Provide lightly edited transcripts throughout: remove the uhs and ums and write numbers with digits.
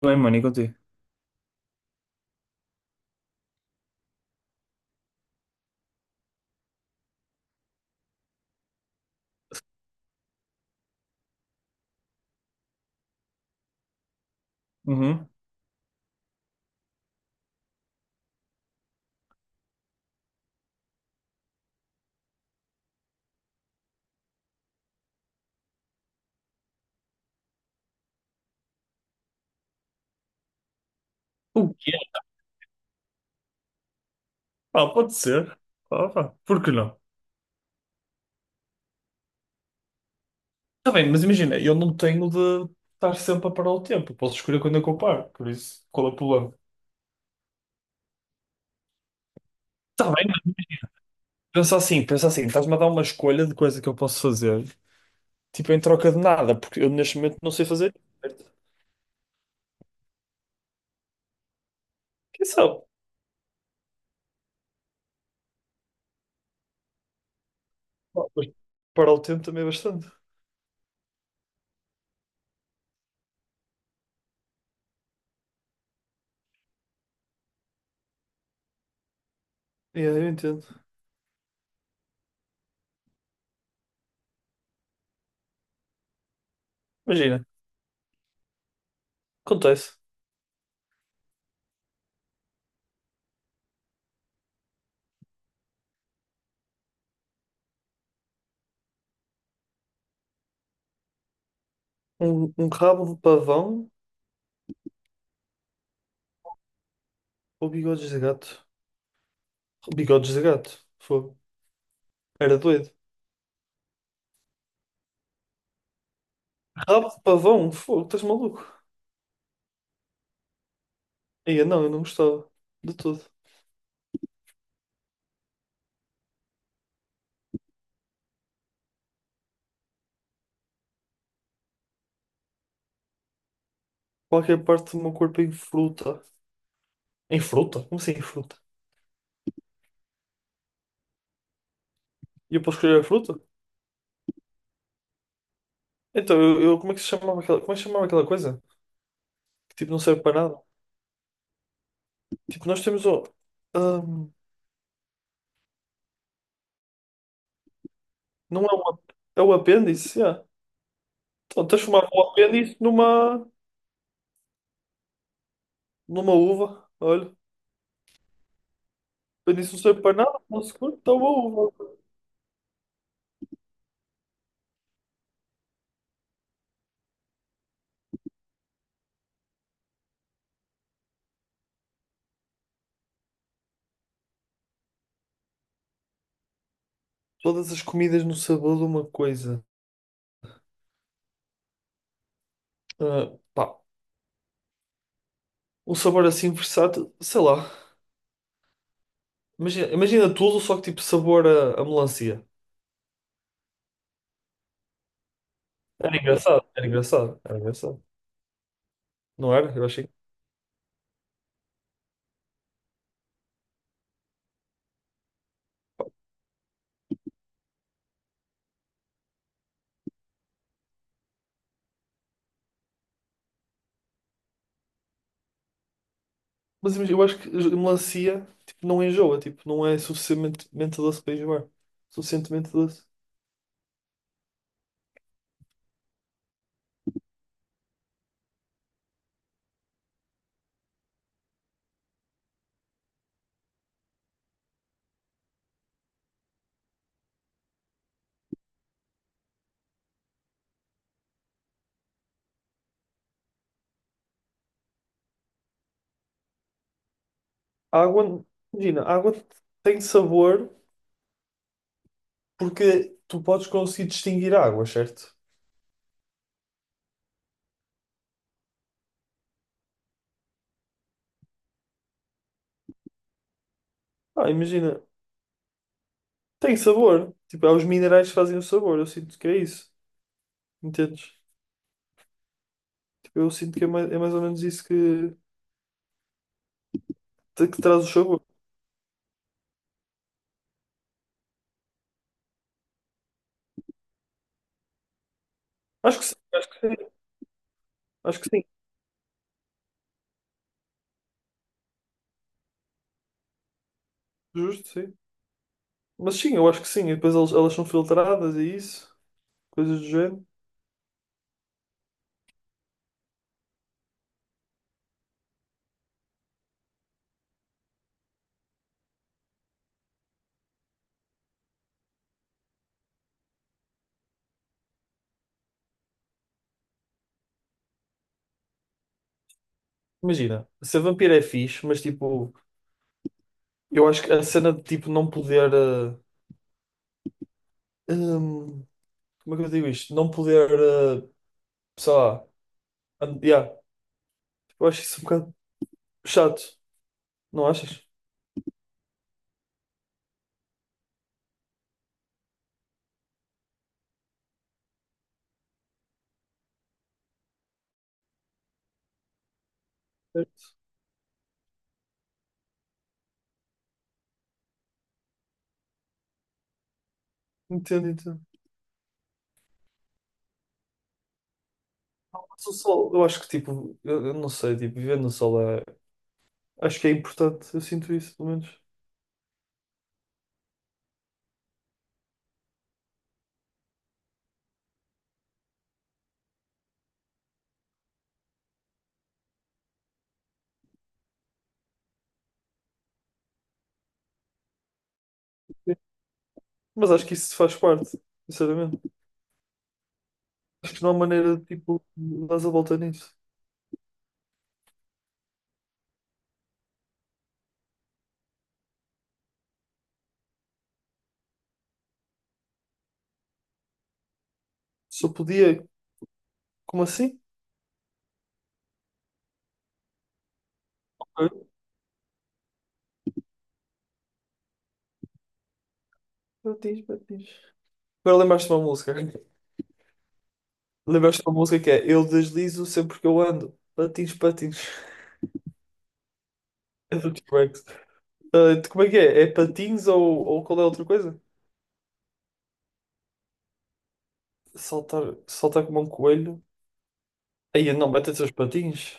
Tudo bem, mano, e contigo? Uhum. O quê? Pá, pode ser. Pá, por que não? Está bem, mas imagina, eu não tenho de estar sempre a parar o tempo. Eu posso escolher quando é que eu paro, por isso, qual é o problema? Está bem, mas pensa assim, estás-me a dar uma escolha de coisa que eu posso fazer, tipo em troca de nada, porque eu neste momento não sei fazer. Certo? Quem sabe? Pá, mas parar o tempo também é bastante. É, eu entendo. Imagina, acontece. Um rabo de pavão ou bigodes de gato? Bigodes de gato, fogo. Era doido. Rabo de pavão? Fogo, estás maluco? Ia, não, eu não gostava. De tudo. Qualquer parte do meu corpo em fruta. Em fruta? Como assim em fruta? E eu posso escolher a fruta? Então, como é que se chamava aquela, como é que se chamava aquela coisa? Que tipo, não serve para nada. Tipo, nós temos o ahm, não é um. É o apêndice, yeah. Então, transformava o apêndice numa uva. Olha, o apêndice não serve para nada, não se curte, está uma uva. Todas as comidas no sabor de uma coisa. Ah, pá, um sabor assim versátil, sei lá. Imagina, imagina tudo, só que tipo sabor a melancia. Era engraçado, era engraçado, era engraçado. Não era? Eu achei. Mas eu acho que a melancia tipo, não enjoa, tipo, não é suficientemente doce para enjoar. Suficientemente doce. A água, imagina, a água tem sabor porque tu podes conseguir distinguir a água, certo? Ah, imagina, tem sabor. Tipo, é os minerais que fazem o sabor. Eu sinto que é isso. Entendes? Tipo, eu sinto que é mais ou menos isso que traz o sabor. Acho que sim, acho que sim. Acho que sim. Justo, sim. Mas sim, eu acho que sim. E depois elas são filtradas e isso, coisas do género. Imagina, ser vampiro é fixe, mas tipo, eu acho que a cena de tipo não poder. Hum, como é que eu digo isto? Não poder. eh, sei lá. Yeah, eu acho isso um bocado chato, não achas? Entendo, entendo. Mas o sol, eu acho que tipo, eu não sei, tipo, viver no sol é. Acho que é importante, eu sinto isso, pelo menos. Sim. Mas acho que isso faz parte, sinceramente. Acho que não há maneira de tipo, dar a volta nisso. Só podia. Como assim? Batiz, batiz. Agora lembraste de uma música. Lembraste de uma música que é "Eu deslizo sempre que eu ando. Patins, patins." É do T-Rex. Ah, como é que é? É patins ou qual é a outra coisa? Saltar, saltar como um coelho. Aí não, mete seus patins.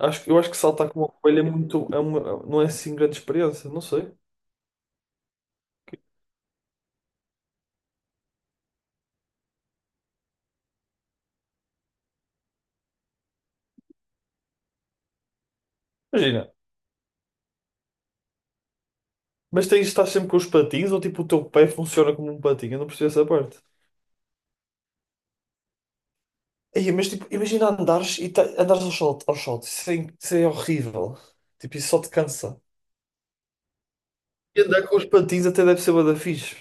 Eu acho que saltar como um coelho é muito. É uma, não é assim grande experiência, não sei. Imagina. Mas tens, estás sempre com os patins ou tipo o teu pé funciona como um patinho? Eu não percebo essa parte. Ei, mas tipo, imagina andares e andares ao sol, ao sol. Isso é horrível. Tipo, isso só te cansa. E andar com os patins até deve ser bué da fixe.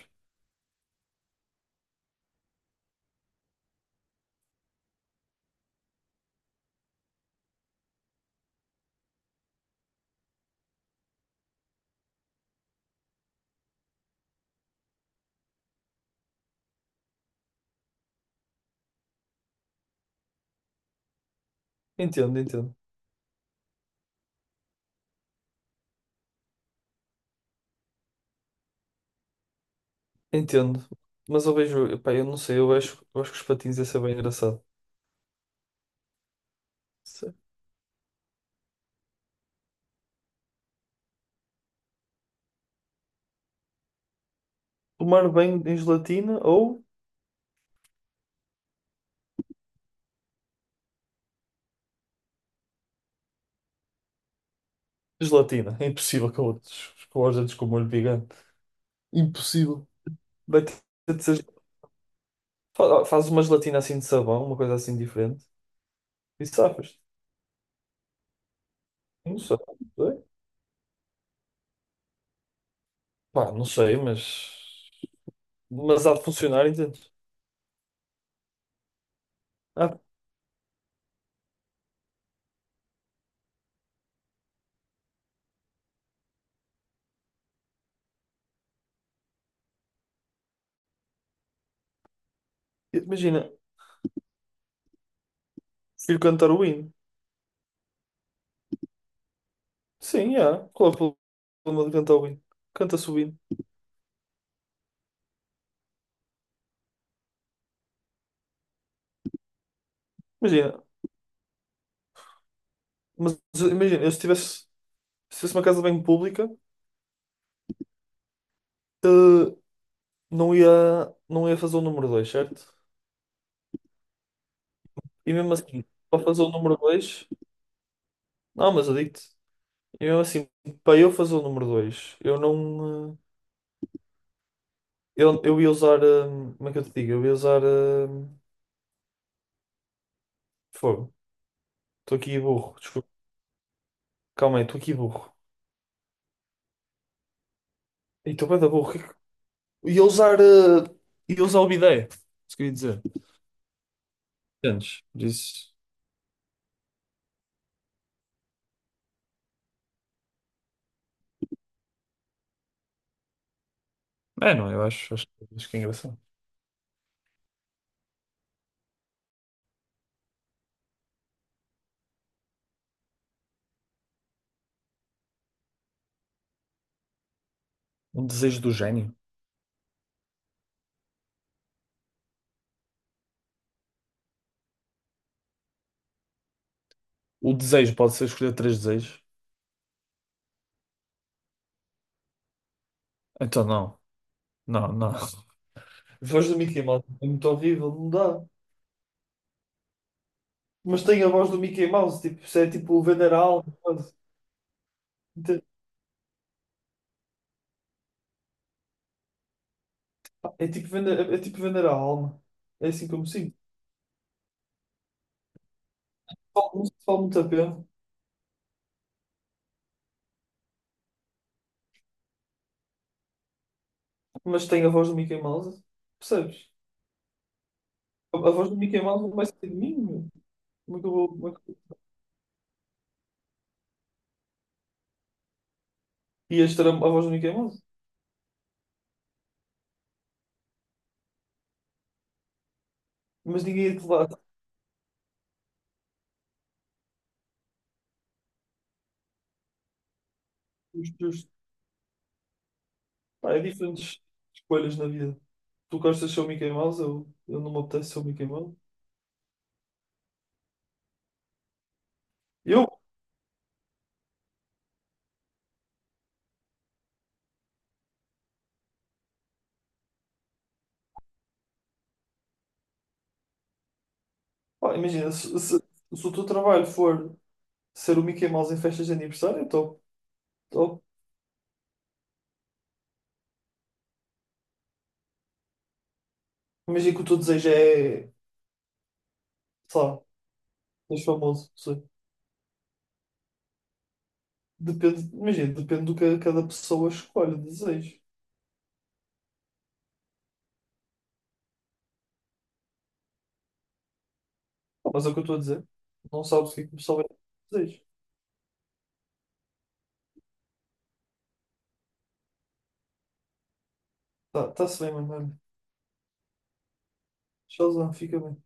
Entendo, entendo. Entendo. Mas eu vejo, pá, eu não sei, eu acho que os patins ia ser bem engraçado. Sim. Tomar banho em gelatina ou gelatina. É impossível com outros, com os dedos com o molho gigante. Impossível. Vai ter de ser- fa- Fazes uma gelatina assim de sabão, uma coisa assim diferente. E safas. Não sei. Não sei, pá, não sei, mas. Mas há de funcionar, entende? Ah, imagina, prefiro cantar o hino. Sim, há. Qual é o problema de cantar o hino? Canta-se o hino. Imagina, mas imagina, eu se tivesse uma casa bem pública, eh, não ia fazer o número 2, certo? E mesmo assim, para fazer o número 2, não, mas eu digo-te, e mesmo assim, para eu fazer o número 2, eu não. Eu ia usar. Como é que eu te digo? Eu ia usar. Fogo. Estou aqui burro, desculpa. Calma aí, estou aqui burro. E estou bem da burro. Ia usar, eh, ia usar o bidé, isso queria dizer. Entendes? Por isso. É, não, eu acho que é engraçado. Um desejo do gênio. O desejo pode ser escolher três desejos. Então não, não, não. A voz do Mickey Mouse é muito horrível, não dá. Mas tem a voz do Mickey Mouse, tipo, isso é tipo vender a alma, quase. Ente- é tipo vender a alma. É assim como sinto. Não se fala muito a pena, mas tem a voz do Mickey Mouse, percebes? A voz do Mickey Mouse não vai ser de mim, meu. Como é que eu vou. Ias ter a voz do Mickey Mouse. Mas ninguém ia te levar os teus. Pá, é diferentes escolhas na vida. Tu gostas de ser o Mickey Mouse, eu não me apetece ser o Mickey Mouse. Eu, pá, imagina, se o teu trabalho for ser o Mickey Mouse em festas de aniversário, então estou. Imagina que o teu desejo é, sei lá, ser famoso, não sei. Depende, imagina, depende do que cada pessoa escolhe, desejo. Pá, mas é o que eu estou a dizer. Não sabes o que é que o pessoal vai desejo. Tá, tá-se bem, mano. Olha, tchauzão, fica bem.